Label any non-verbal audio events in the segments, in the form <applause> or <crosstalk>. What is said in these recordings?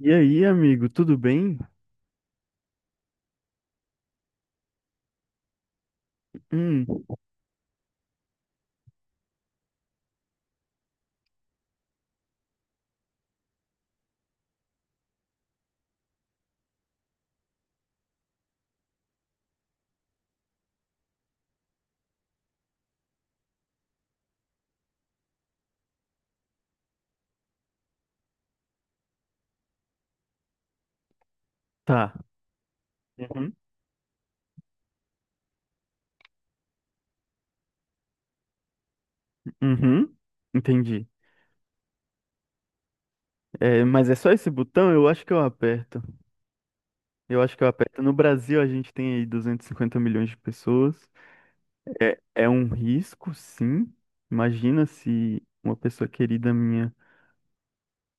E aí, amigo, tudo bem? Hum. Tá. Uhum, uhum, entendi. É, mas é só esse botão? Eu acho que eu aperto. Eu acho que eu aperto. No Brasil, a gente tem aí 250 milhões de pessoas. É, é um risco, sim. Imagina se uma pessoa querida minha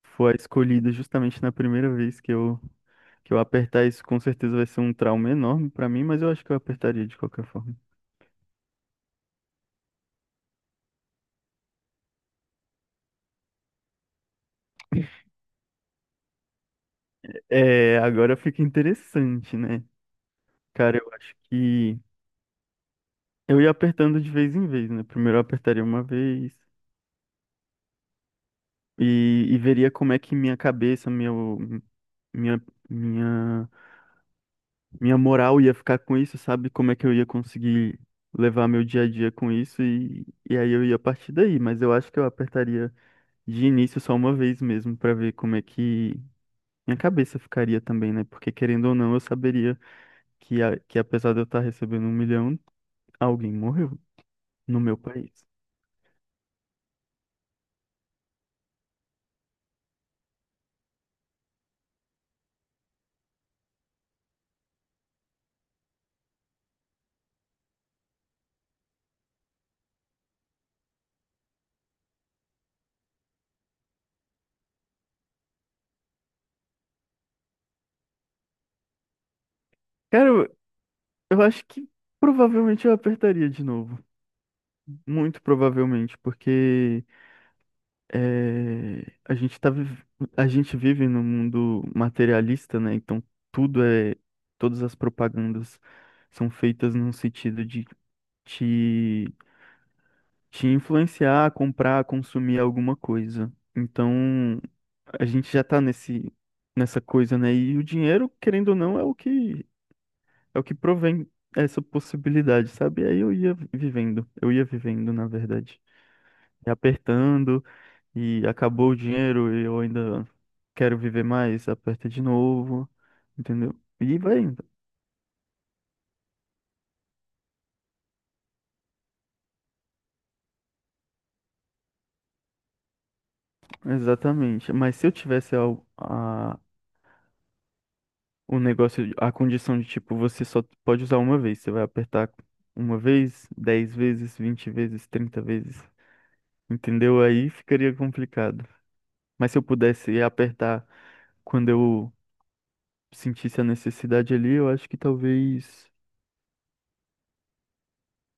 for a escolhida justamente na primeira vez que eu apertar isso, com certeza vai ser um trauma enorme pra mim, mas eu acho que eu apertaria de qualquer forma. É, agora fica interessante, né? Cara, eu acho que Eu ia apertando de vez em vez, né? Primeiro eu apertaria uma vez e veria como é que minha cabeça, minha, minha, minha moral ia ficar com isso, sabe? Como é que eu ia conseguir levar meu dia a dia com isso e aí eu ia partir daí. Mas eu acho que eu apertaria de início só uma vez mesmo pra ver como é que minha cabeça ficaria também, né? Porque querendo ou não, eu saberia que apesar de eu estar recebendo 1 milhão, alguém morreu no meu país. Cara, eu acho que provavelmente eu apertaria de novo. Muito provavelmente, porque eh, a gente tá, viv- a gente vive num mundo materialista, né? Então tudo é. Todas as propagandas são feitas num sentido de te, te influenciar a comprar, a consumir alguma coisa. Então a gente já tá nessa coisa, né? E o dinheiro, querendo ou não, é o que provém essa possibilidade, sabe? Aí eu ia vivendo, na verdade. E apertando, e acabou o dinheiro, e eu ainda quero viver mais, aperta de novo, entendeu? E vai indo. Exatamente. Mas se eu tivesse a- o negócio, a condição de tipo, você só pode usar uma vez, você vai apertar uma vez, 10 vezes, 20 vezes, 30 vezes, entendeu? Aí ficaria complicado. Mas se eu pudesse apertar quando eu sentisse a necessidade ali, eu acho que talvez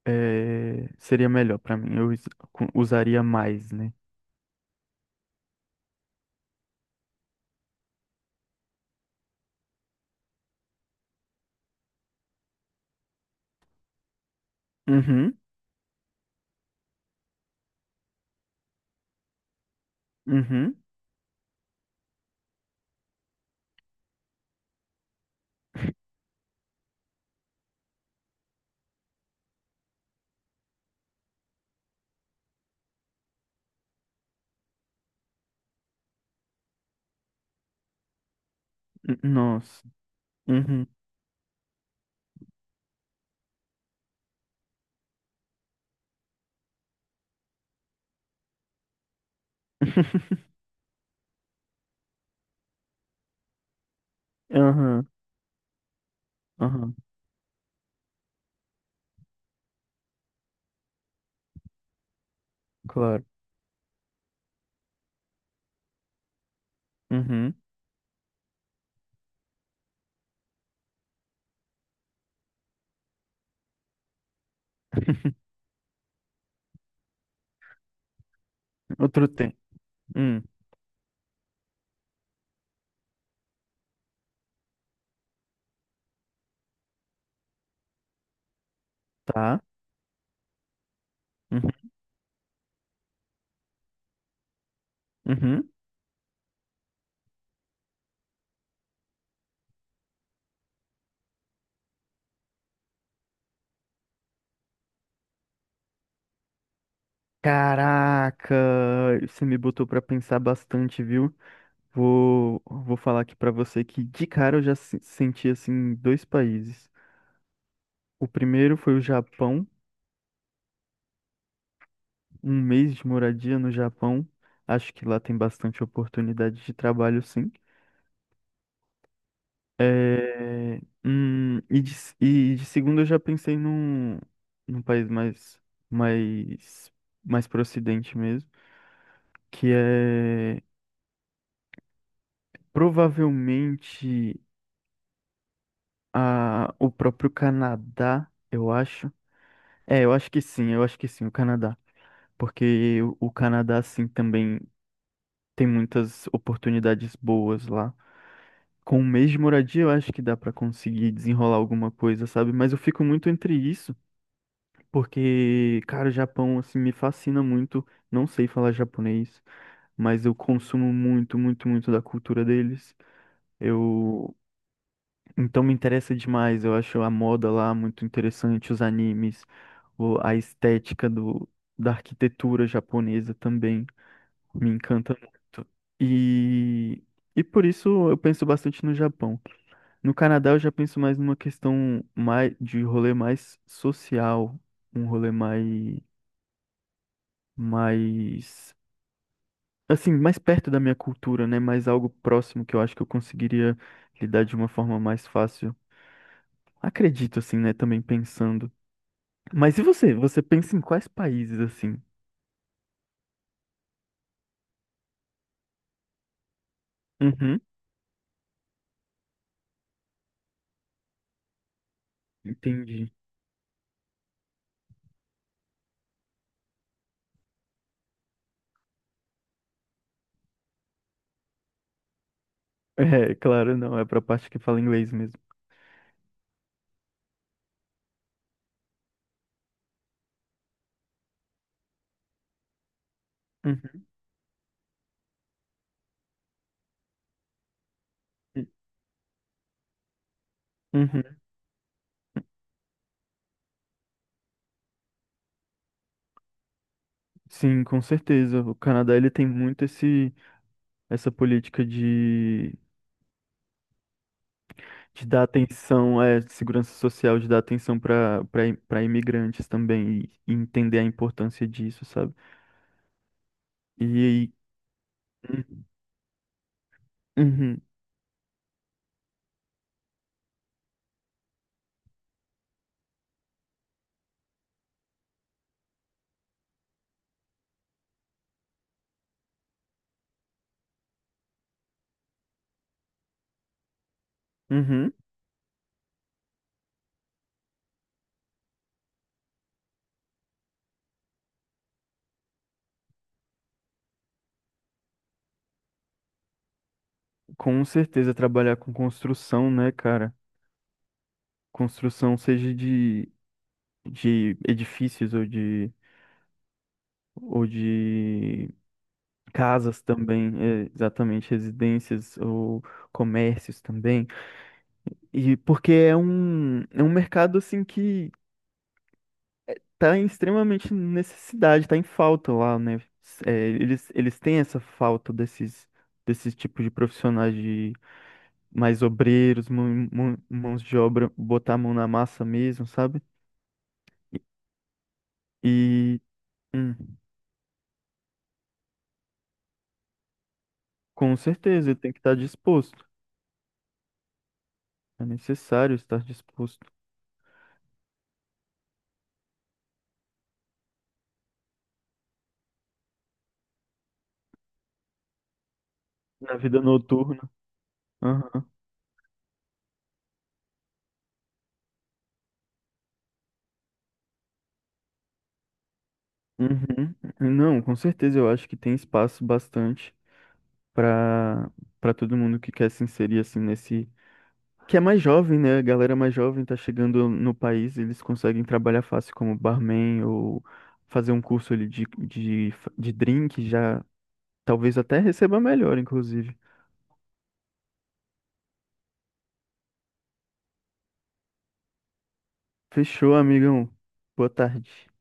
seria melhor pra mim. Eu usaria mais, né? Uhum. Uhum. Nossa. Uhum. <laughs> Aham, aham. Claro. Uhum. <laughs> Outro tempo. Hum. Tá. Uhum. Uhum. Caraca, você me botou pra pensar bastante, viu? Vou falar aqui pra você que de cara eu já senti assim dois países. O primeiro foi o Japão. Um mês de moradia no Japão, acho que lá tem bastante oportunidade de trabalho, sim. É, e de segundo eu já pensei num país mais, mais pro ocidente mesmo, que é provavelmente o próprio Canadá, eu acho. É, eu acho que sim, eu acho que sim, o Canadá. Porque o Canadá, sim, também tem muitas oportunidades boas lá. Com um mês de moradia, eu acho que dá pra conseguir desenrolar alguma coisa, sabe? Mas eu fico muito entre isso, porque, cara, o Japão, assim, me fascina muito. Não sei falar japonês, mas eu consumo muito, muito, muito da cultura deles. Eu. Então me interessa demais. Eu acho a moda lá muito interessante, os animes, a estética da arquitetura japonesa também me encanta muito. E. E por isso eu penso bastante no Japão. No Canadá eu já penso mais numa questão mais de rolê mais social, um rolê mais, assim, mais perto da minha cultura, né? Mais algo próximo que eu acho que eu conseguiria lidar de uma forma mais fácil. Acredito, assim, né? Também pensando. Mas e você? Você pensa em quais países, assim? Uhum, entendi. É, claro, não, é pra parte que fala inglês mesmo. Uhum. Uhum. Sim, com certeza. O Canadá ele tem muito essa política de dar atenção, de segurança social, de dar atenção para imigrantes também e entender a importância disso, sabe? E, uhum, uhum, com certeza trabalhar com construção, né, cara? Construção seja de edifícios ou de casas também, é, exatamente, residências ou comércios também. E porque é um mercado assim que tá em extremamente necessidade, tá em falta lá, né? É, eles têm essa falta desses tipos de profissionais de mais obreiros, mãos de obra, botar a mão na massa mesmo, sabe? E hum, com certeza ele tem que estar disposto. É necessário estar disposto na vida noturna. Aham. Uhum. Não, com certeza eu acho que tem espaço bastante para para todo mundo que quer se inserir assim nesse. Que é mais jovem, né? A galera mais jovem tá chegando no país, eles conseguem trabalhar fácil como barman ou fazer um curso ali de drink, já talvez até receba melhor, inclusive. Fechou, amigão. Boa tarde.